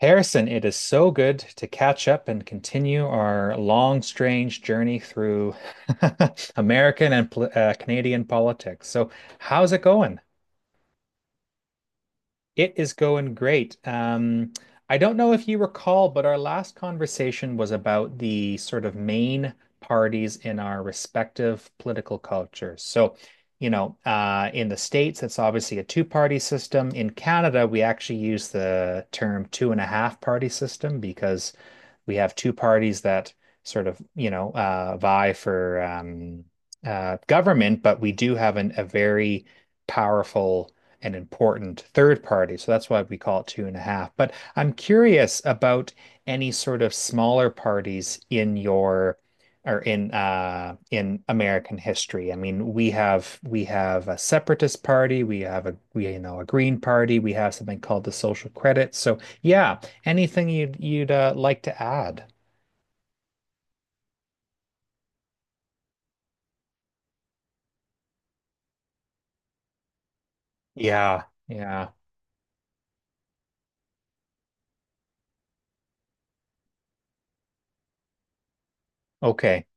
Harrison, it is so good to catch up and continue our long, strange journey through American and Canadian politics. So, how's it going? It is going great. I don't know if you recall, but our last conversation was about the sort of main parties in our respective political cultures. So, you know, in the States, it's obviously a two-party system. In Canada, we actually use the term two and a half party system because we have two parties that sort of, you know, vie for government, but we do have a very powerful and important third party. So that's why we call it two and a half. But I'm curious about any sort of smaller parties in your or in American history. I mean, we have a separatist party, we have a we you know a Green Party, we have something called the Social Credit. So yeah, anything you'd like to add? Yeah. Yeah. Okay.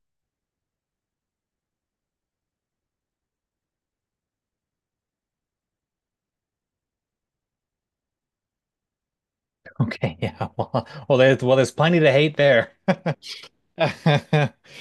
Okay. Yeah. Well, there's plenty to hate there.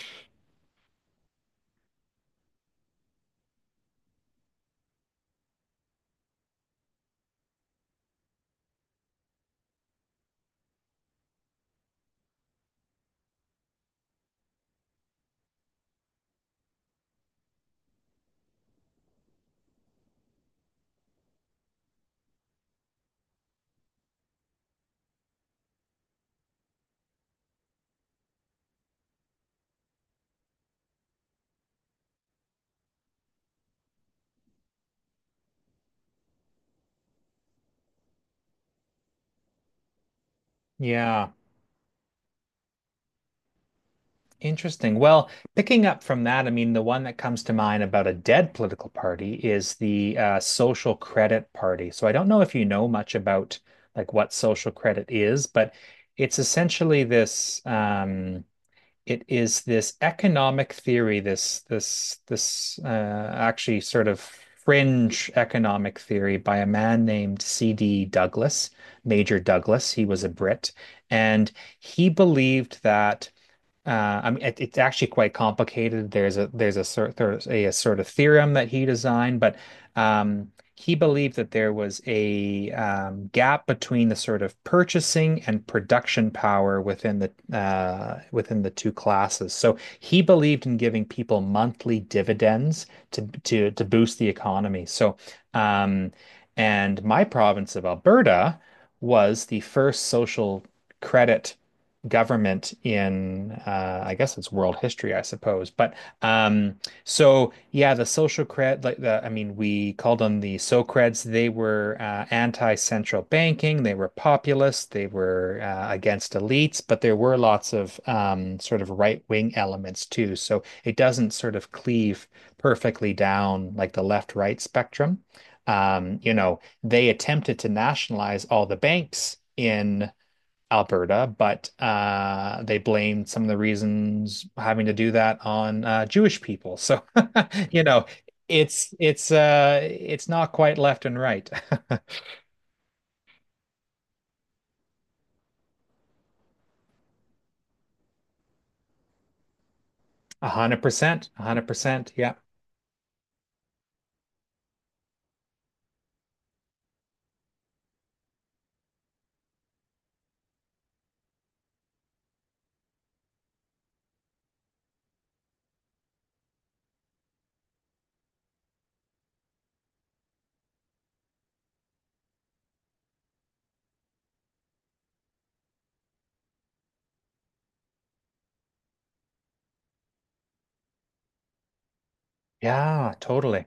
Yeah. Interesting. Well, picking up from that, I mean, the one that comes to mind about a dead political party is the Social Credit Party. So I don't know if you know much about like what social credit is, but it's essentially this it is this economic theory, this actually sort of fringe economic theory by a man named C.D. Douglas, Major Douglas. He was a Brit, and he believed that I mean, it's actually quite complicated. There's a sort of theorem that he designed, but he believed that there was a gap between the sort of purchasing and production power within the two classes. So he believed in giving people monthly dividends to boost the economy. So, um, and my province of Alberta was the first social credit government in I guess it's world history, I suppose. But um, so yeah, the social cred, like the I mean, we called them the Socreds. They were anti-central banking. They were populist. They were against elites. But there were lots of sort of right-wing elements too. So it doesn't sort of cleave perfectly down like the left-right spectrum. You know, they attempted to nationalize all the banks in Alberta, but they blamed some of the reasons having to do that on Jewish people. So, you know, it's it's not quite left and right. 100%, 100%. Yeah, yeah, totally.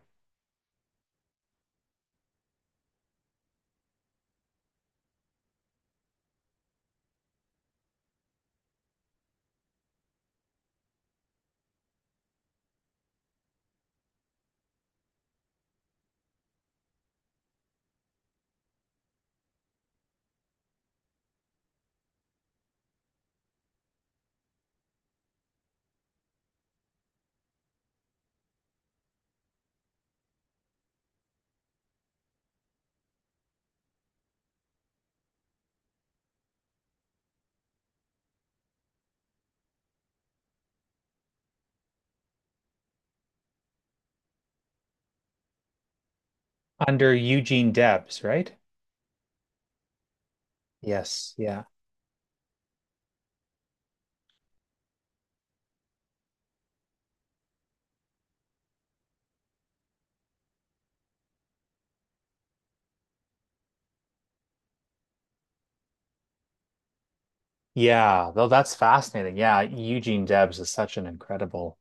Under Eugene Debs, right? Yes, yeah, yeah. Though that's fascinating. Yeah, Eugene Debs is such an incredible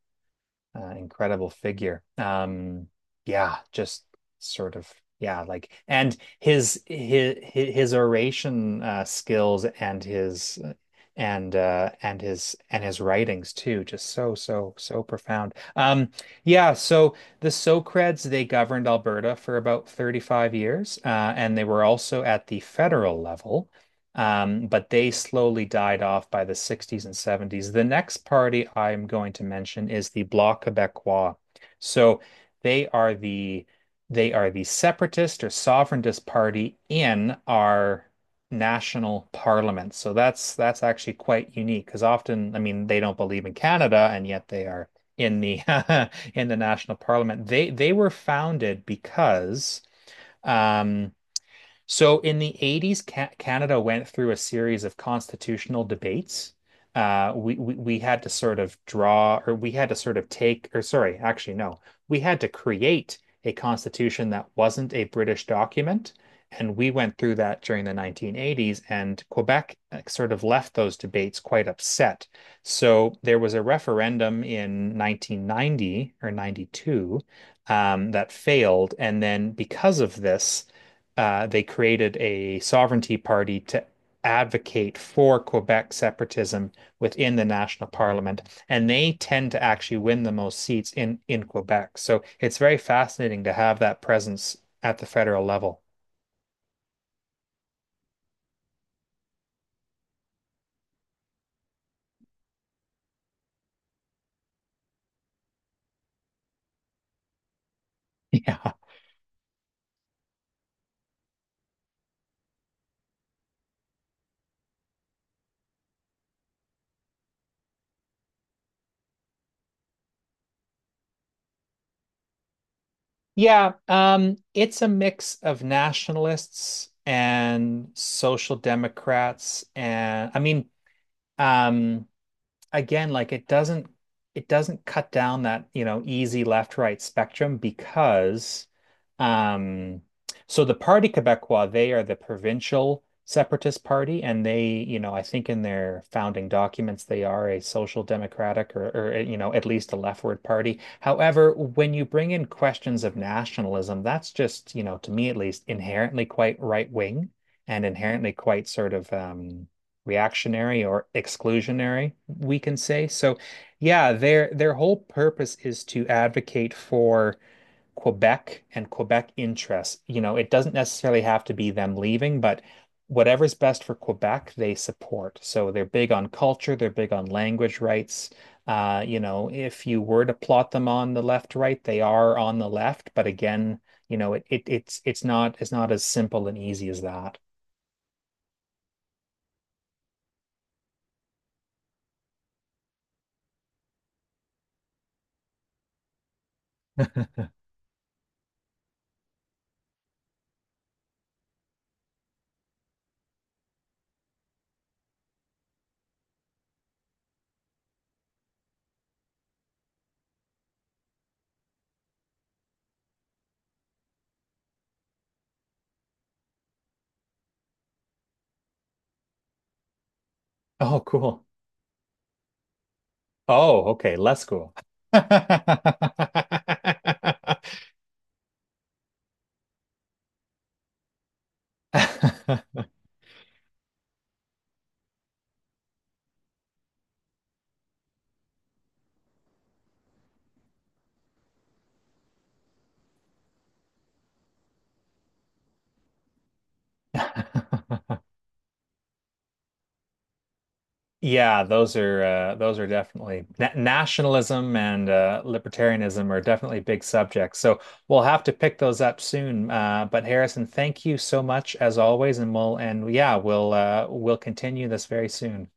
uh, incredible figure. Yeah, just sort of yeah, like and his oration skills and his writings too, just so profound. Yeah, so the Socreds they governed Alberta for about 35 years, and they were also at the federal level. But they slowly died off by the 60s and 70s. The next party I'm going to mention is the Bloc Québécois. So they are the they are the separatist or sovereigntist party in our national parliament. So that's actually quite unique because often, I mean, they don't believe in Canada and yet they are in the in the national parliament. They were founded because um so in the 80s, Ca Canada went through a series of constitutional debates. We had to sort of draw, or we had to sort of take, or sorry, actually no, We had to create a constitution that wasn't a British document, and we went through that during the 1980s. And Quebec sort of left those debates quite upset. So there was a referendum in 1990 or 92 that failed, and then because of this they created a sovereignty party to advocate for Quebec separatism within the national parliament, and they tend to actually win the most seats in Quebec. So it's very fascinating to have that presence at the federal level. Yeah. Yeah, it's a mix of nationalists and social democrats and I mean, um, again, like it doesn't cut down that, you know, easy left right spectrum because um so the Parti Québécois, they are the provincial separatist party and they, you know, I think in their founding documents they are a social democratic or you know, at least a leftward party. However, when you bring in questions of nationalism, that's just, you know, to me at least inherently quite right wing and inherently quite sort of reactionary or exclusionary, we can say. So, yeah, their whole purpose is to advocate for Quebec and Quebec interests. You know, it doesn't necessarily have to be them leaving, but whatever's best for Quebec, they support. So they're big on culture, they're big on language rights. You know, if you were to plot them on the left, right, they are on the left, but again, you know, it's not as simple and easy as that. Oh, cool. Oh, okay, less cool. Yeah, those are definitely na nationalism and libertarianism are definitely big subjects. So we'll have to pick those up soon. But Harrison, thank you so much as always, and we'll and yeah, we'll continue this very soon.